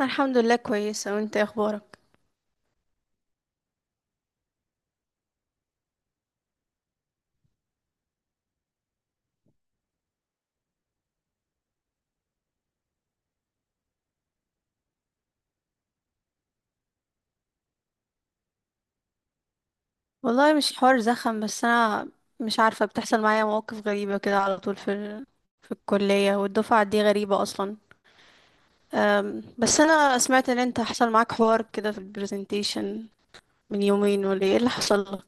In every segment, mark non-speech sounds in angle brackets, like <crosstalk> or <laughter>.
أنا الحمد لله كويسة، وانت إيه اخبارك؟ والله مش حوار زخم، بس انا مش عارفة، بتحصل معايا مواقف غريبة كده على طول في الكلية، والدفعة دي غريبة اصلا. بس انا سمعت ان انت حصل معاك حوار كده في البرزنتيشن من يومين، ولا ايه اللي حصل لك؟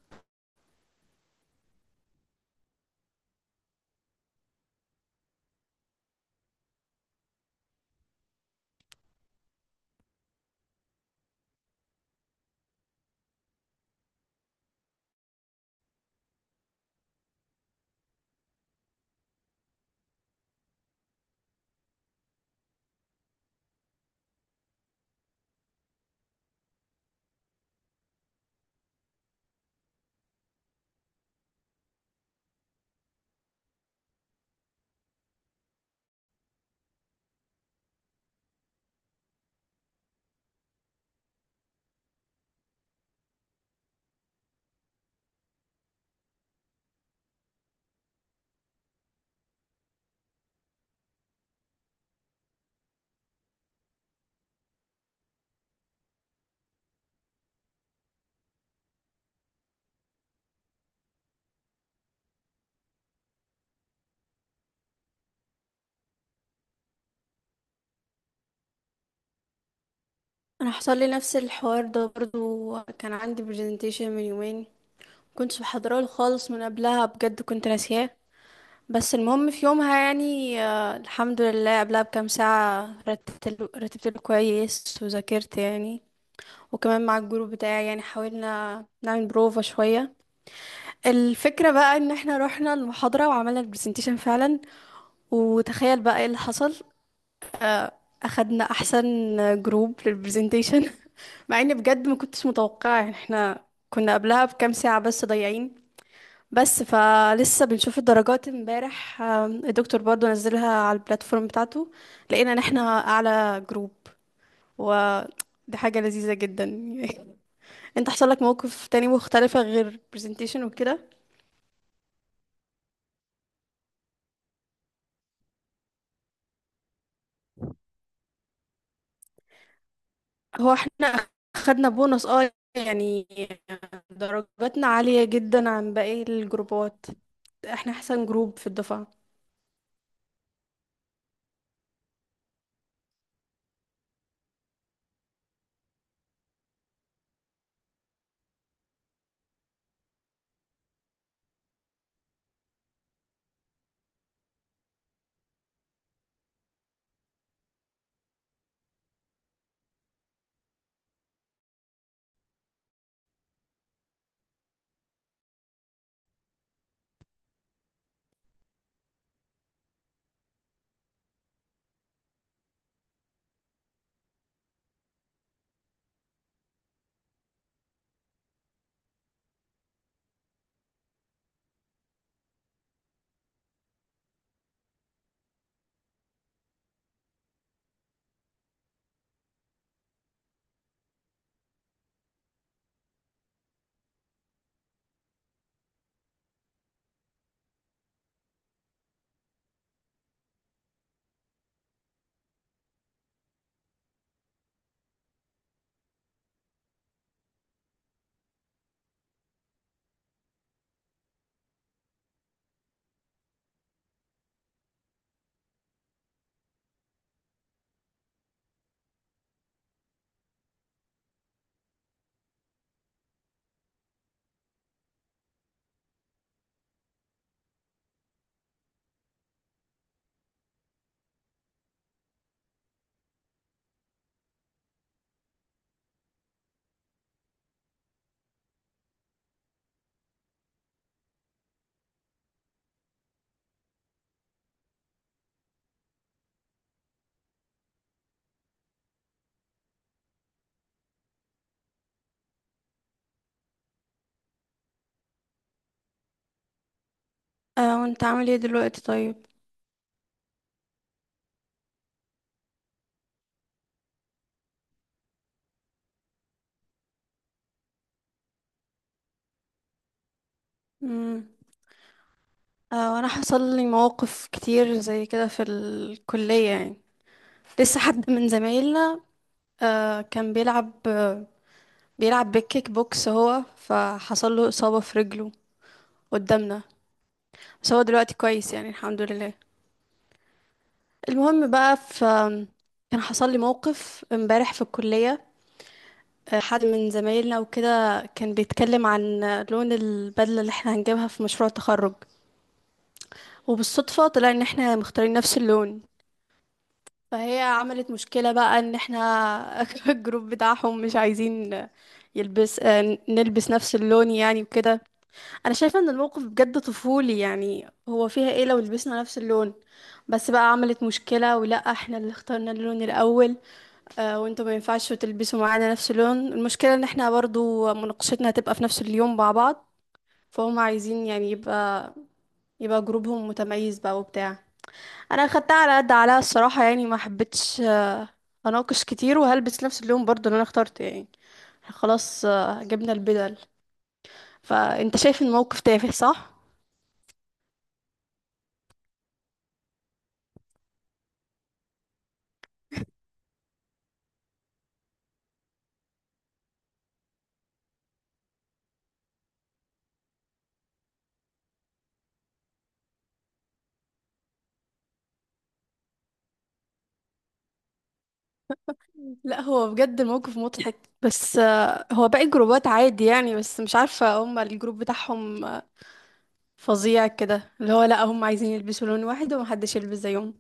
انا حصل لي نفس الحوار ده برضو، كان عندي برزنتيشن من يومين كنتش بحضره خالص، من قبلها بجد كنت ناسياه. بس المهم في يومها يعني الحمد لله قبلها بكام ساعة رتبت له كويس وذاكرت يعني. وكمان مع الجروب بتاعي يعني حاولنا نعمل بروفا شوية. الفكرة بقى ان احنا رحنا المحاضرة وعملنا البرزنتيشن فعلا. وتخيل بقى ايه اللي حصل. آه، اخدنا احسن جروب للبرزنتيشن. <laughs> مع اني بجد ما كنتش متوقعة، يعني احنا كنا قبلها بكام ساعة بس ضايعين. بس فلسه بنشوف الدرجات امبارح، الدكتور برضو نزلها على البلاتفورم بتاعته، لقينا ان احنا اعلى جروب، و دي حاجة لذيذة جدا. <laughs> انت حصل لك موقف تاني مختلفة غير presentation وكده؟ هو احنا خدنا بونص، اه، يعني درجاتنا عالية جدا عن باقي الجروبات، احنا احسن جروب في الدفعة. اه، وانت عامل ايه دلوقتي؟ طيب. مم. اه، وانا حصل لي مواقف كتير زي كده في الكلية يعني. لسه حد من زمايلنا كان بيلعب بالكيك بوكس، هو فحصل له إصابة في رجله قدامنا، بس هو دلوقتي كويس يعني، الحمد لله. المهم بقى، كان حصل لي موقف امبارح في الكلية. حد من زمايلنا وكده كان بيتكلم عن لون البدلة اللي احنا هنجيبها في مشروع التخرج، وبالصدفة طلع ان احنا مختارين نفس اللون. فهي عملت مشكلة بقى ان احنا <laughs> الجروب بتاعهم مش عايزين يلبس آه، نلبس نفس اللون يعني وكده. انا شايفة ان الموقف بجد طفولي، يعني هو فيها ايه لو لبسنا نفس اللون؟ بس بقى عملت مشكلة، ولا احنا اللي اخترنا اللون الاول وانتوا ما ينفعش تلبسوا معانا نفس اللون. المشكلة ان احنا برضو مناقشتنا هتبقى في نفس اليوم مع بعض، فهم عايزين يعني يبقى جروبهم متميز بقى وبتاع. انا خدتها على قد عليها الصراحه، يعني ما حبيتش اناقش كتير، وهلبس نفس اللون برضو اللي انا اخترته يعني. إحنا خلاص جبنا البدل. فانت شايف الموقف تافه صح؟ لا هو بجد الموقف مضحك، بس هو باقي الجروبات عادي يعني، بس مش عارفه، هم الجروب بتاعهم فظيع كده، اللي هو لا هم عايزين يلبسوا لون واحد ومحدش يلبس زيهم.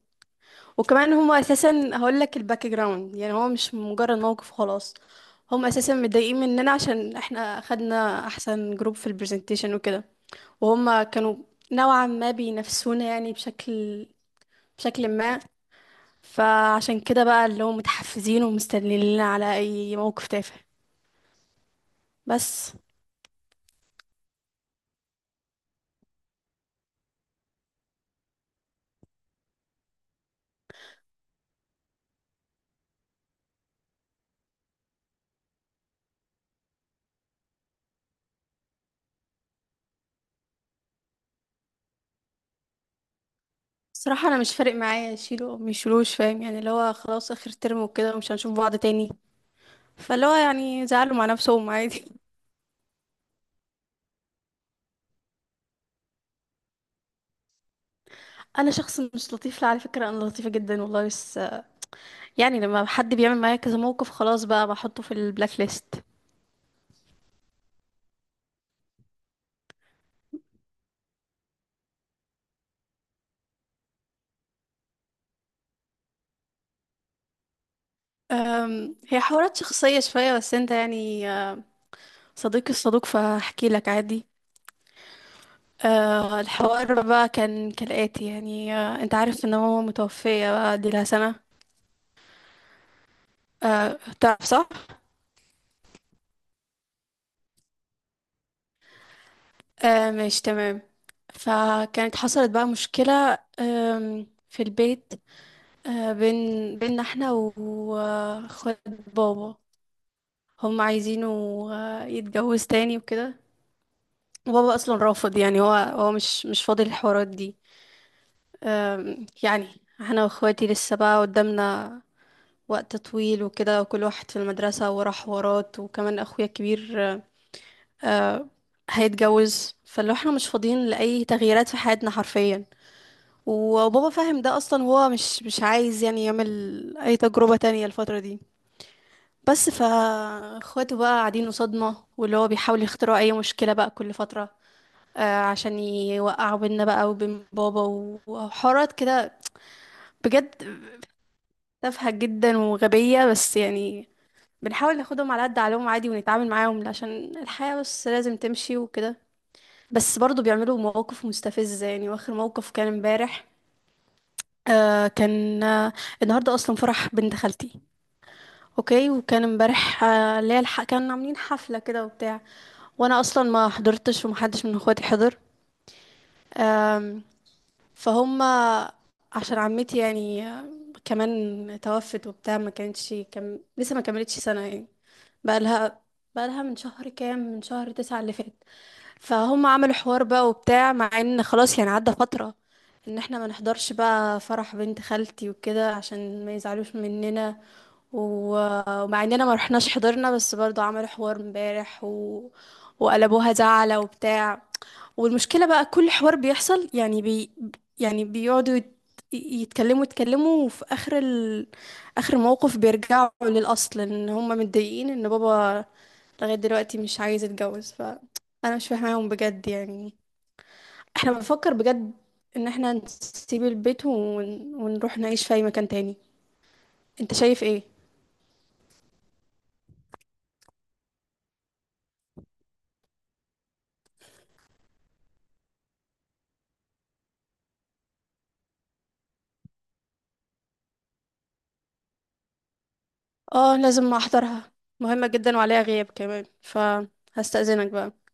وكمان هما اساسا هقول لك الباك جراوند، يعني هو مش مجرد موقف خلاص. هم اساسا متضايقين مننا عشان احنا خدنا احسن جروب في البرزنتيشن وكده، وهم كانوا نوعا ما بينافسونا يعني، بشكل ما. فعشان كده بقى اللي هم متحفزين ومستنيين على اي موقف تافه، بس. صراحة انا مش فارق معايا يشيلوا او ميشيلوش، فاهم يعني، اللي هو خلاص اخر ترم وكده ومش هنشوف بعض تاني، فاللي هو يعني زعلوا مع نفسهم عادي. انا شخص مش لطيف؟ لا، على فكره انا لطيفه جدا والله، بس يعني لما حد بيعمل معايا كذا موقف خلاص بقى بحطه في البلاك ليست. هي حوارات شخصيه شويه، بس انت يعني صديقي الصدوق فاحكي لك عادي. الحوار بقى كان كالاتي يعني، انت عارف ان ماما متوفيه بقى، دي لها سنه، أه، تعرف صح؟ أه، ماشي تمام. فكانت حصلت بقى مشكله في البيت، أه، بين بيننا احنا واخوات بابا، هم عايزينه يتجوز تاني وكده، وبابا اصلا رافض، يعني هو مش فاضي الحوارات دي. يعني احنا واخواتي لسه بقى قدامنا وقت طويل وكده، كل واحد في المدرسة وراه حوارات، وكمان اخويا الكبير آه، هيتجوز. فلو احنا مش فاضيين لأي تغييرات في حياتنا حرفيا، وبابا فاهم ده اصلا، وهو مش عايز يعني يعمل اي تجربة تانية الفترة دي. بس فاخواته بقى قاعدين صدمة، واللي هو بيحاول يخترعوا أي مشكلة بقى كل فترة عشان يوقعوا بينا بقى وبين بابا، وحوارات كده بجد تافهة جدا وغبية، بس يعني بنحاول ناخدهم على قد عقلهم عادي ونتعامل معاهم عشان الحياة، بس لازم تمشي وكده. بس برضه بيعملوا مواقف مستفزة يعني، واخر موقف كان امبارح، كان النهاردة أصلا فرح بنت خالتي. اوكي. وكان امبارح اللي هي كانوا عاملين حفلة كده وبتاع، وانا اصلا ما حضرتش، ومحدش من اخواتي حضر. أم، فهم عشان عمتي يعني كمان توفت وبتاع، ما كانتش لسه ما كملتش سنة يعني، بقى لها بقى لها من شهر، كام، من شهر 9 اللي فات. فهم عملوا حوار بقى وبتاع، مع ان خلاص يعني عدى فترة ان احنا ما نحضرش بقى فرح بنت خالتي وكده عشان ما يزعلوش مننا، ومع اننا ما رحناش حضرنا، بس برضو عملوا حوار امبارح وقلبوها زعلة وبتاع. والمشكلة بقى كل حوار بيحصل يعني يعني بيقعدوا يتكلموا، وفي اخر اخر موقف بيرجعوا للاصل ان هم متضايقين ان بابا لغاية دلوقتي مش عايز يتجوز. انا مش فاهماهم بجد يعني. احنا بنفكر بجد ان احنا نسيب البيت ونروح نعيش في اي مكان تاني. انت شايف ايه؟ اه، لازم احضرها، مهمة جدا وعليها غياب كمان، فهستأذنك بقى.